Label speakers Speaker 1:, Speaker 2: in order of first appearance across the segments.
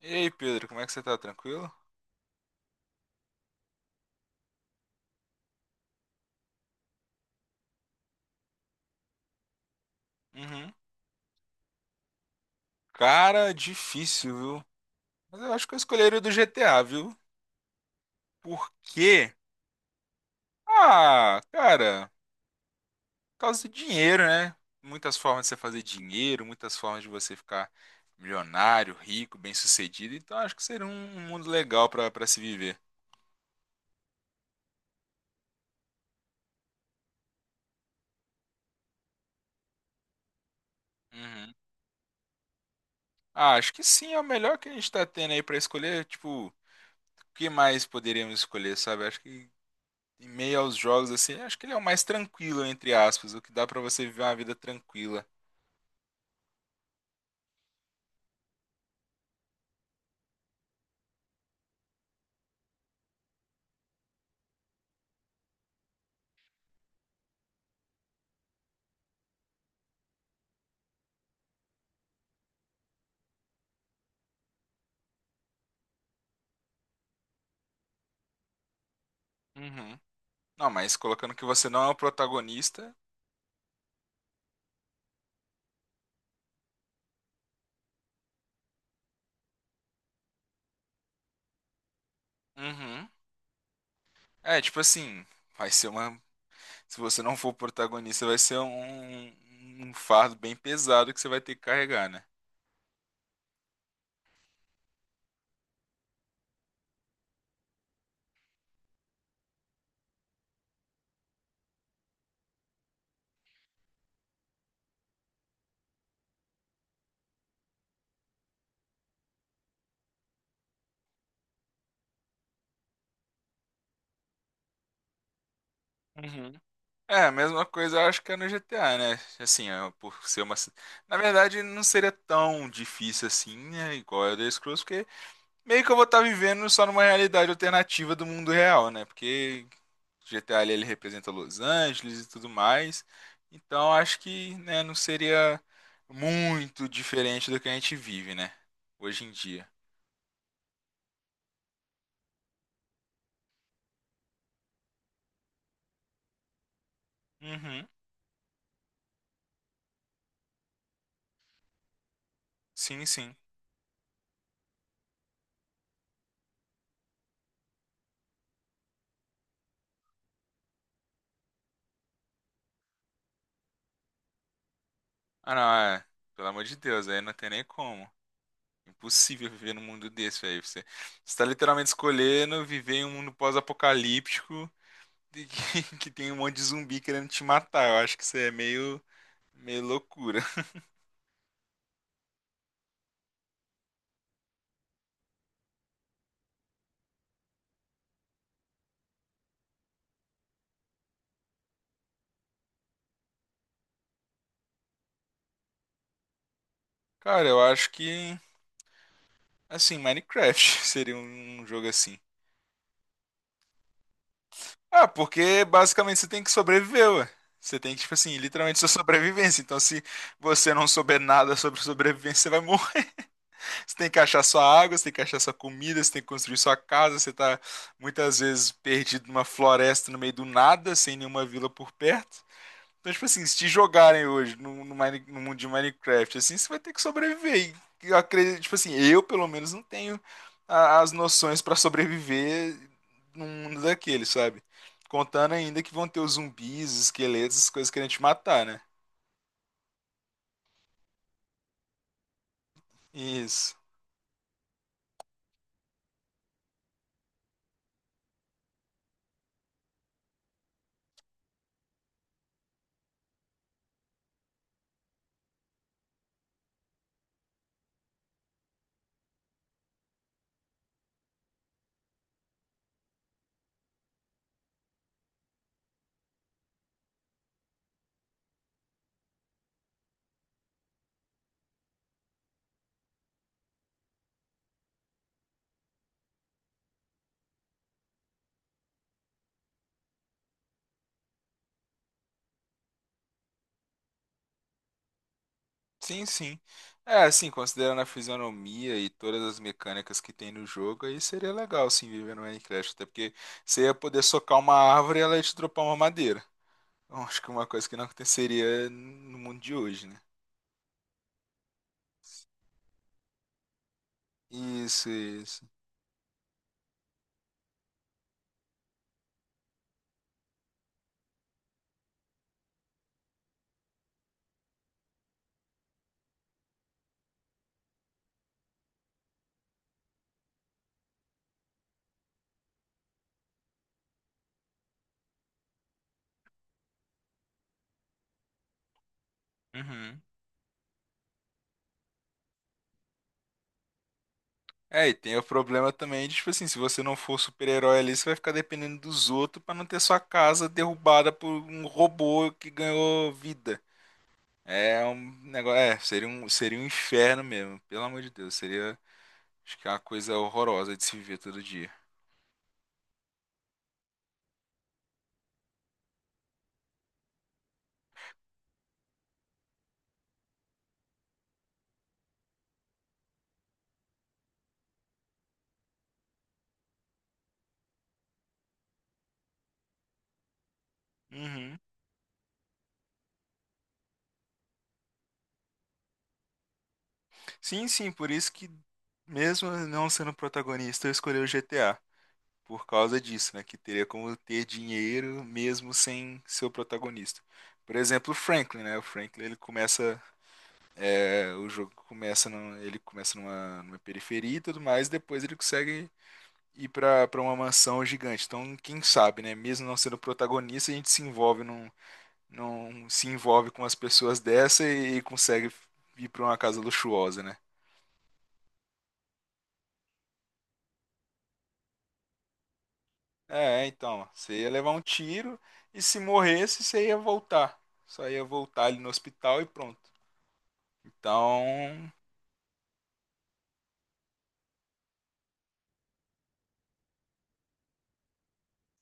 Speaker 1: E aí, Pedro, como é que você tá? Tranquilo? Uhum. Cara, difícil, viu? Mas eu acho que eu escolheria o do GTA, viu? Por quê? Ah, cara, por causa do dinheiro, né? Muitas formas de você fazer dinheiro, muitas formas de você ficar milionário, rico, bem-sucedido. Então acho que seria um mundo legal pra para se viver. Uhum. Ah, acho que sim, é o melhor que a gente tá tendo aí pra escolher. Tipo, o que mais poderíamos escolher, sabe? Acho que em meio aos jogos, assim, acho que ele é o mais tranquilo, entre aspas, o que dá pra você viver uma vida tranquila. Uhum. Não, mas colocando que você não é o protagonista. Uhum. É, tipo assim, vai ser uma. Se você não for o protagonista, vai ser um fardo bem pesado que você vai ter que carregar, né? Uhum. É, a mesma coisa eu acho que é no GTA, né? Assim, é, por ser uma. Na verdade, não seria tão difícil assim, né? Igual a Elder Scrolls, porque meio que eu vou estar vivendo só numa realidade alternativa do mundo real, né? Porque GTA ali, ele representa Los Angeles e tudo mais. Então acho que, né, não seria muito diferente do que a gente vive, né? Hoje em dia. Uhum. Sim, sim. Ah, não, é. Pelo amor de Deus, aí não tem nem como. Impossível viver num mundo desse, velho. Você está literalmente escolhendo viver em um mundo pós-apocalíptico de que, que tem um monte de zumbi querendo te matar. Eu acho que isso é meio, meio loucura. Cara, eu acho que, assim, Minecraft seria um jogo assim. Ah, porque basicamente você tem que sobreviver, ué. Você tem que, tipo assim, literalmente sua sobrevivência. Então, se você não souber nada sobre sobrevivência, você vai morrer. Você tem que achar sua água, você tem que achar sua comida, você tem que construir sua casa. Você tá muitas vezes perdido numa floresta no meio do nada, sem nenhuma vila por perto. Então, tipo assim, se te jogarem hoje no mundo de Minecraft, assim, você vai ter que sobreviver. E eu acredito, tipo assim, eu pelo menos não tenho as noções pra sobreviver num mundo daquele, sabe? Contando ainda que vão ter os zumbis, os esqueletos, as coisas querendo te matar, né? Isso. Sim, sim. É, assim, considerando a fisionomia e todas as mecânicas que tem no jogo, aí seria legal, sim, viver no Minecraft. Até porque você ia poder socar uma árvore e ela ia te dropar uma madeira. Bom, acho que uma coisa que não aconteceria no mundo de hoje, né? Isso, isso. Uhum. É, e tem o problema também de, tipo assim, se você não for super-herói ali, você vai ficar dependendo dos outros pra não ter sua casa derrubada por um robô que ganhou vida. É um negócio, é, seria um inferno mesmo, pelo amor de Deus, seria, acho que é uma coisa horrorosa de se viver todo dia. Uhum. Sim, sim, por isso que mesmo não sendo protagonista, eu escolhi o GTA. Por causa disso, né? Que teria como ter dinheiro mesmo sem ser o protagonista. Por exemplo, o Franklin, né? O Franklin ele começa, é, o jogo começa, ele começa numa periferia e tudo mais, e depois ele consegue ir para uma mansão gigante. Então, quem sabe, né? Mesmo não sendo protagonista, a gente se envolve num, num se envolve com as pessoas dessa e consegue ir para uma casa luxuosa, né? É, então, você ia levar um tiro e se morresse, você ia voltar. Só ia voltar ali no hospital e pronto. Então,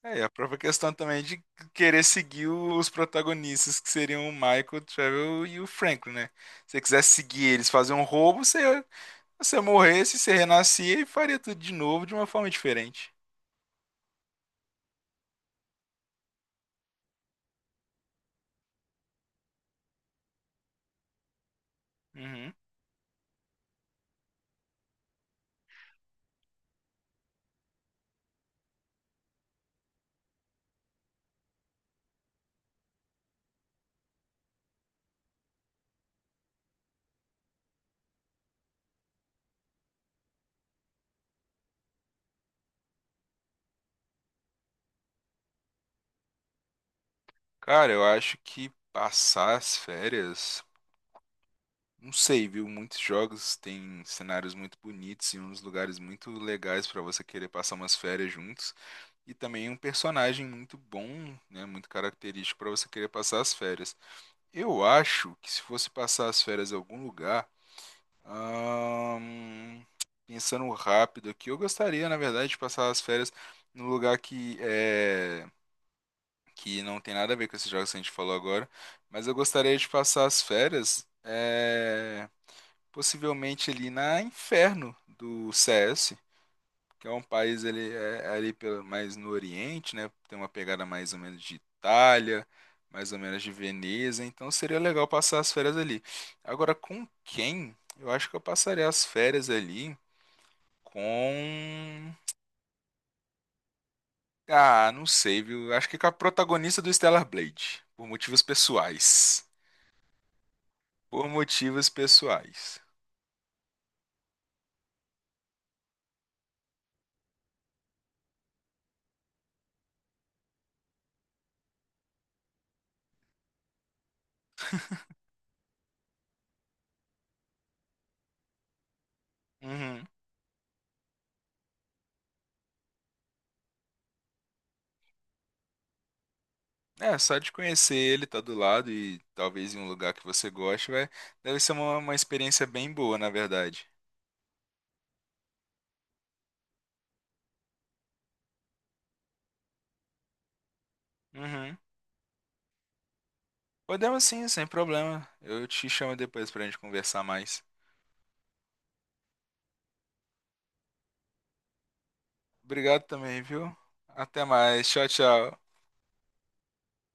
Speaker 1: é a própria questão também de querer seguir os protagonistas, que seriam o Michael, o Trevor e o Franklin, né? Se você quisesse seguir eles, fazer um roubo, você morresse, você renascia e faria tudo de novo de uma forma diferente. Uhum. Cara, eu acho que passar as férias. Não sei, viu? Muitos jogos têm cenários muito bonitos e uns lugares muito legais para você querer passar umas férias juntos. E também um personagem muito bom, né? Muito característico para você querer passar as férias. Eu acho que se fosse passar as férias em algum lugar, ahn, pensando rápido aqui, eu gostaria, na verdade, de passar as férias num lugar que não tem nada a ver com esses jogos que a gente falou agora, mas eu gostaria de passar as férias. É, possivelmente ali na Inferno do CS, que é um país, ele é ali pelo, mais no Oriente, né? Tem uma pegada mais ou menos de Itália, mais ou menos de Veneza, então seria legal passar as férias ali. Agora com quem? Eu acho que eu passaria as férias ali com... ah, não sei, viu? Acho que com a protagonista do Stellar Blade, por motivos pessoais. Por motivos pessoais. Uhum. É, só de conhecer ele, tá do lado e talvez em um lugar que você goste, vai, deve ser uma experiência bem boa, na verdade. Uhum. Podemos sim, sem problema. Eu te chamo depois pra gente conversar mais. Obrigado também, viu? Até mais. Tchau, tchau.